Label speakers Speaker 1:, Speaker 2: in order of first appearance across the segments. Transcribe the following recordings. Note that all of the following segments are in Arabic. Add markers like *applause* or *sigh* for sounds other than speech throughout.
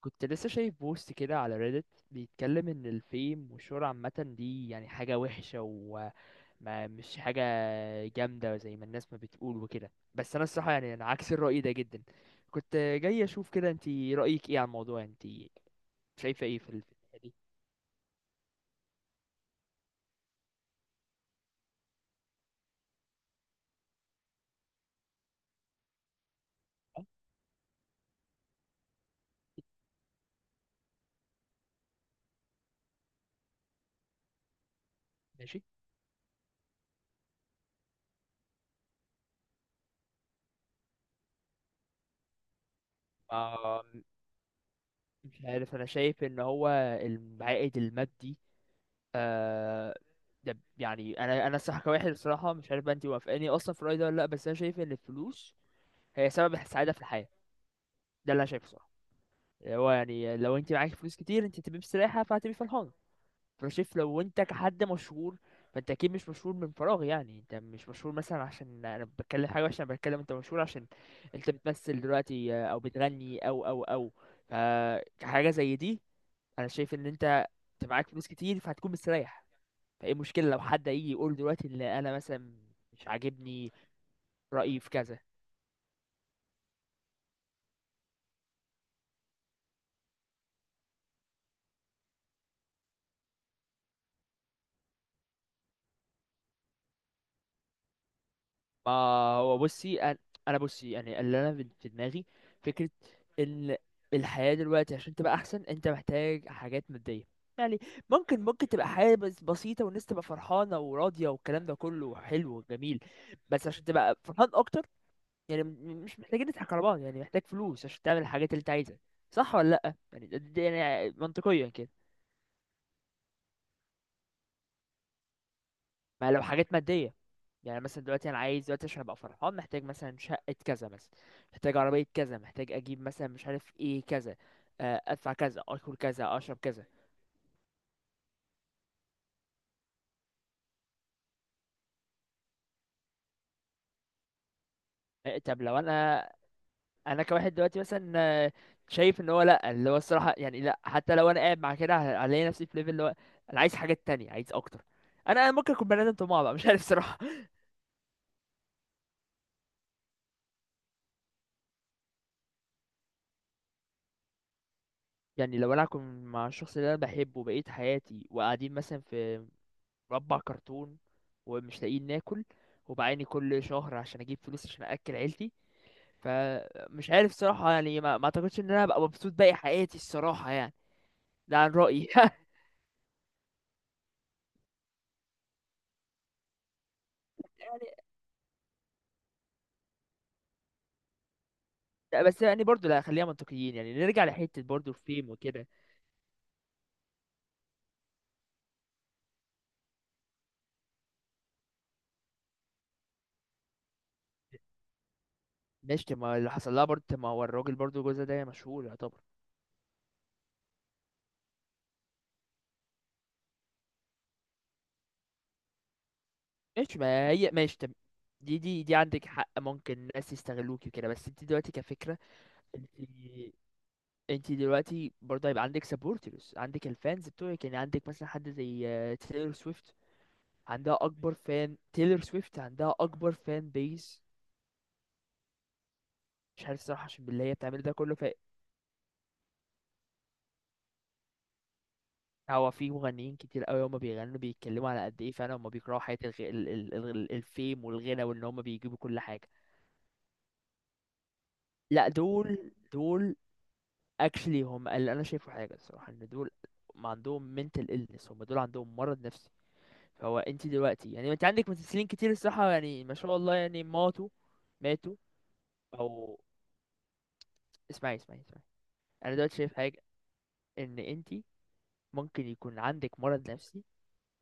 Speaker 1: كنت لسه شايف بوست كده على ريدت، بيتكلم ان الفيم والشهرة عامة دي يعني حاجة وحشة وما مش حاجة جامدة زي ما الناس ما بتقول وكده. بس انا الصراحة يعني انا عكس الرأي ده جدا. كنت جاي اشوف كده انتي رأيك ايه على الموضوع، انتي شايفة ايه في الحتة دي؟ آه، ماشي. آه، مش عارف، انا شايف ان هو العائد المادي. آه، ده يعني انا الصراحة كواحد الصراحة مش عارف بقى انتي موافقاني اصلا في الرأي ده ولا لا، بس انا شايف ان الفلوس هي سبب السعاده في الحياه. ده اللي انا شايفه صراحه. اللي هو يعني لو انت معاك فلوس كتير انت تبقى مستريحه فهتبقي فرحانه. فانا شايف لو انت كحد مشهور فانت اكيد مش مشهور من فراغ، يعني انت مش مشهور مثلا عشان انا بتكلم حاجه وحشه، انا بتكلم انت مشهور عشان انت بتمثل دلوقتي او بتغني او فحاجه زي دي. انا شايف ان انت معاك فلوس كتير فهتكون مستريح. فايه المشكله لو حد يجي يقول دلوقتي ان انا مثلا مش عاجبني رايي في كذا؟ ما هو بصي انا، أنا بصي يعني اللي انا في دماغي فكره ان الحياه دلوقتي عشان تبقى احسن انت محتاج حاجات ماديه. يعني ممكن تبقى حياه بس بسيطه والناس تبقى فرحانه وراضيه والكلام ده كله حلو وجميل، بس عشان تبقى فرحان اكتر يعني مش محتاجين نضحك على بعض، يعني محتاج فلوس عشان تعمل الحاجات اللي انت عايزها. صح ولا لا؟ يعني يعني منطقيا كده. ما لو حاجات ماديه، يعني مثلا دلوقتي انا عايز دلوقتي عشان ابقى فرحان محتاج مثلا شقة كذا مثلا، محتاج عربية كذا، محتاج اجيب مثلا مش عارف ايه كذا. ادفع كذا، اكل كذا، اشرب كذا. آه، طب لو انا، انا كواحد دلوقتي مثلا، آه، شايف ان هو لا، اللي هو الصراحة يعني لا، حتى لو انا قاعد مع كده هلاقي نفسي في ليفل اللي هو انا عايز حاجات تانية، عايز اكتر. انا ممكن اكون بني ادم طماع بقى، مش عارف صراحة. *laughs* يعني لو انا اكون مع الشخص اللي انا بحبه بقية حياتي وقاعدين مثلا في مربع كرتون ومش لاقيين ناكل وبعاني كل شهر عشان اجيب فلوس عشان اكل عيلتي، فمش عارف صراحة يعني ما اعتقدش ان انا ابقى مبسوط باقي حياتي الصراحة يعني. ده عن رأيي. *laughs* يعني لا، بس يعني برضو لا، خلينا منطقيين، يعني نرجع لحتة برضو الفيم وكده. ماشي، طب ما اللي حصل لها برضو، طب ما هو الراجل برضو جوزها ده مشهور يعتبر. ماشي، ما هي ماشي طب. دي عندك حق، ممكن الناس يستغلوكي وكده، بس انت دلوقتي كفكرة، انت انت دلوقتي برضه هيبقى عندك سبورترز، عندك الفانز بتوعك، يعني عندك مثلا حد زي تيلر سويفت، عندها اكبر فان. تيلر سويفت عندها اكبر فان بيس. مش عارف الصراحه، عشان بالله هي بتعمل ده كله ف... هو في مغنيين كتير قوي هما بيغنوا بيتكلموا على قد ايه فعلا هما بيكرهوا حياة الغ... ال... ال... ال- الفيم والغنى وان هما بيجيبوا كل حاجة. لا دول اكشلي هم اللي انا شايفه حاجة الصراحة ان دول ما عندهم mental illness، هم دول عندهم مرض نفسي. هو انت دلوقتي يعني انت عندك ممثلين كتير الصراحه يعني ما شاء الله يعني ماتوا. ماتوا او اسمعي، انا دلوقتي شايف حاجه ان انت ممكن يكون عندك مرض نفسي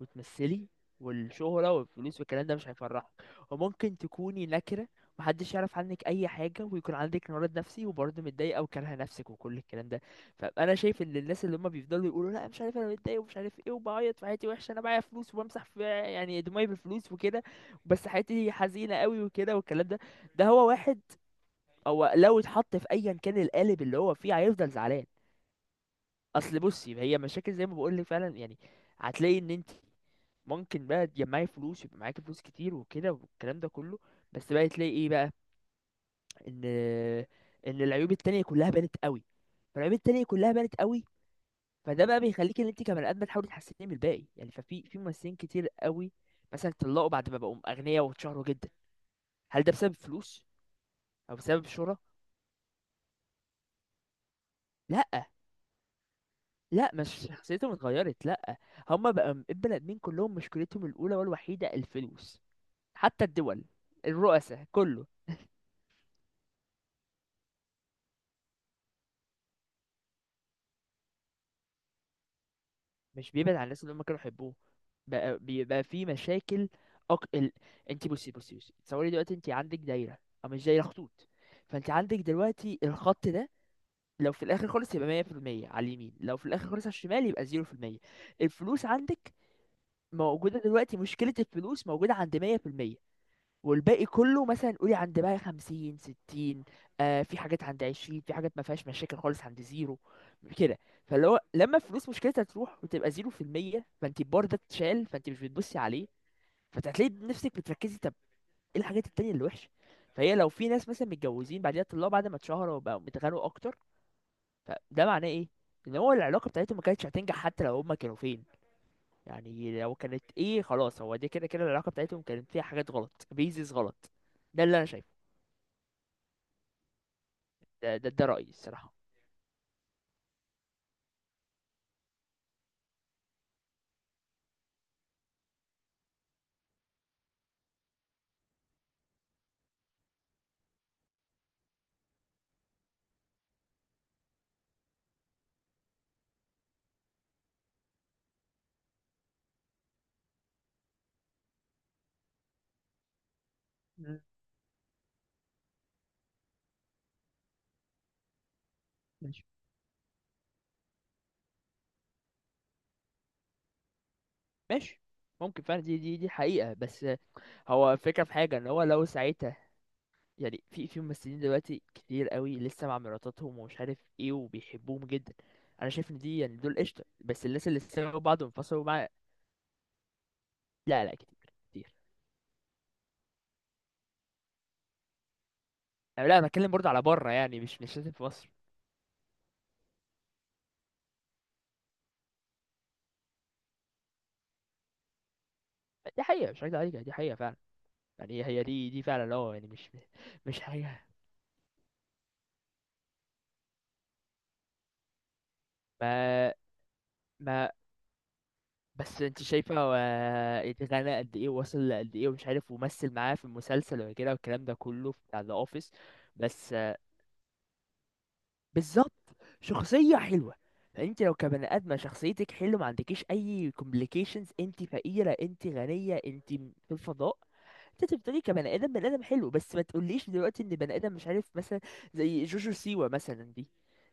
Speaker 1: وتمثلي والشهرة والفلوس والكلام ده مش هيفرحك، وممكن تكوني نكرة محدش يعرف عنك أي حاجة ويكون عندك مرض نفسي وبرضه متضايقة وكارهة نفسك وكل الكلام ده. فأنا شايف إن الناس اللي هما بيفضلوا يقولوا لا مش عارف أنا متضايق ومش عارف إيه وبعيط في حياتي وحشة أنا معايا فلوس وبمسح في يعني دموعي بالفلوس وكده، بس حياتي حزينة قوي وكده والكلام ده، ده هو واحد هو لو اتحط في أيا كان القالب اللي هو فيه هيفضل زعلان. اصل بصي، هي مشاكل زي ما بقول لك فعلا، يعني هتلاقي ان انت ممكن بقى تجمعي فلوس يبقى معاكي فلوس كتير وكده والكلام ده كله، بس بقى تلاقي ايه بقى؟ ان ان العيوب التانية كلها بانت قوي. فالعيوب التانية كلها بانت قوي. فده بقى بيخليك ان انت كبني ادم تحاولي تحسني من الباقي. يعني في ممثلين كتير قوي مثلا اتطلقوا بعد ما بقوا اغنياء واتشهروا جدا. هل ده بسبب فلوس او بسبب شهرة؟ لا لا مش شخصيتهم اتغيرت، لا. هما بقى البني ادمين كلهم مشكلتهم الاولى والوحيده الفلوس، حتى الدول الرؤساء كله. مش بيبعد عن الناس اللي هم كانوا يحبوه، بقى بيبقى في مشاكل. أك... ال... انت بصي، بصي تصوري دلوقتي انت عندك دايره او مش دايره، خطوط. فانت عندك دلوقتي الخط ده، لو في الاخر خالص يبقى 100% على اليمين، لو في الاخر خالص على الشمال يبقى 0%. الفلوس عندك موجوده دلوقتي، مشكله الفلوس موجوده عند 100% والباقي كله مثلا قولي عند بقى 50 60. آه، في حاجات عند 20، في حاجات ما فيهاش مشاكل خالص عند زيرو كده. فاللي هو لما الفلوس مشكلتها تروح وتبقى زيرو في المية فانت البار ده اتشال، فانت مش بتبصي عليه فهتلاقي نفسك بتركزي طب ايه الحاجات التانية اللي وحشة. فهي لو في ناس مثلا متجوزين بعديها طلعوا بعد ما اتشهروا وبقوا متغنوا اكتر، فده معناه ايه؟ ان هو العلاقة بتاعتهم ما كانتش هتنجح حتى لو هما كانوا فين. يعني لو كانت ايه خلاص، هو دي كده كده العلاقة بتاعتهم كانت فيها حاجات غلط، بيزيز غلط. ده اللي انا شايفه. ده رأيي الصراحة. مم. ماشي، ماشي. ممكن فعلا، دي حقيقة. بس هو الفكرة في حاجة ان هو لو ساعتها، يعني في ممثلين دلوقتي كتير قوي لسه مع مراتاتهم ومش عارف ايه وبيحبوهم جدا. انا شايف ان دي يعني دول قشطة، بس الناس اللي سابوا بعض وانفصلوا مع... لا كتير، كتير. يعني لا انا بتكلم برضه على بره، يعني مش لازم في مصر. دي حقيقة مش هكدب عليك، دي حقيقة فعلا. يعني هي هي دي دي فعلا اه، يعني مش حاجة. ما ما بس انت شايفه هو اتغنى قد ايه ووصل قد ايه ومش عارف ومثل معاه في المسلسل وكده والكلام ده كله بتاع ذا اوفيس. بس آه، بالظبط، شخصيه حلوه. فانت لو كبني ادمه شخصيتك حلوه ما عندكيش اي كومبليكيشنز، انت فقيره انت غنيه انت في الفضاء. انت بتقولي كبني ادم، بني ادم حلو، بس ما تقوليش دلوقتي ان بني ادم مش عارف مثلا زي جوجو سيوا مثلا دي،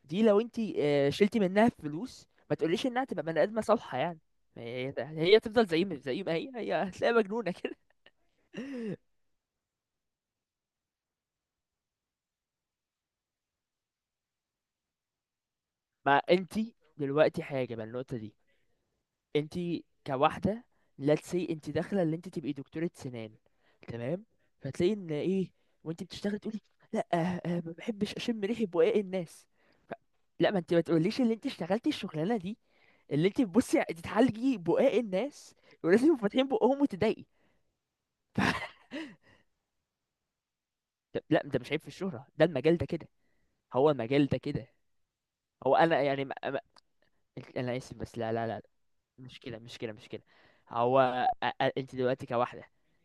Speaker 1: دي لو انت آه، شلتي منها فلوس ما تقوليش انها تبقى بني ادمه صالحه، يعني هي هي تفضل زي ما هي، هي هتلاقيها مجنونه كده. *laughs* ما انت دلوقتي حاجه بقى النقطه دي، انت كواحده، let's say انت داخله اللي انت تبقي دكتوره سنان، تمام، فتلاقي ان ايه وانت بتشتغلي تقولي لا ما بحبش اشم ريحه بقاق الناس. ف... لا ما انت ما تقوليش اللي انت اشتغلتي الشغلانه دي، اللي انت بتبصي تتعالجي بقاق الناس ولازم يبقوا فاتحين بقهم وتضايقي. ف... لا انت مش عيب في الشهره، ده المجال ده كده، هو المجال ده كده. هو انا يعني ما... ما... انا اسف بس لا مشكلة، مشكلة. هو انت دلوقتي كواحدة،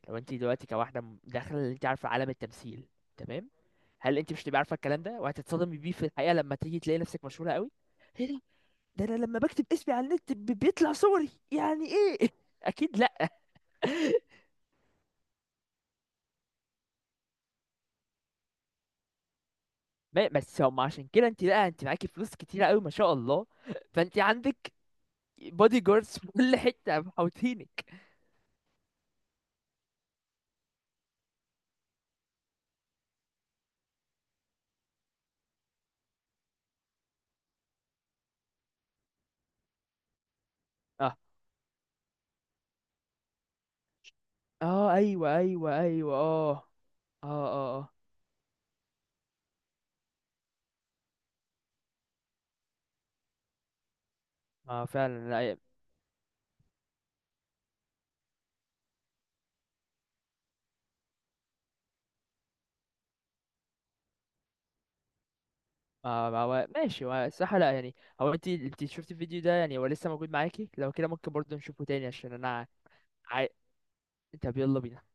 Speaker 1: لو انت دلوقتي كواحدة داخلة اللي انت عارفة عالم التمثيل، تمام، هل انت مش تبقى عارفة الكلام ده وهتتصدمي بيه في الحقيقة لما تيجي تلاقي نفسك مشهورة قوي؟ ايه ده، ده انا لما بكتب اسمي على النت بيطلع صوري يعني ايه؟ *laughs* اكيد لا. ما- بس هم عشان كده انت لا، انت معاكي فلوس كتيرة قوي ما شاء الله فانت عندك بودي جاردز في كل حتة محوطينك. اه، اه، ايوه اه، اه، اه، اه، آه، فعلا. ما ما هو ماشي، هو الصراحة لا يعني. هو انت شفتي الفيديو ده يعني، هو لسه موجود معاكي؟ لو كده ممكن برضه نشوفه تاني عشان انا. عاي... طب يلا بينا.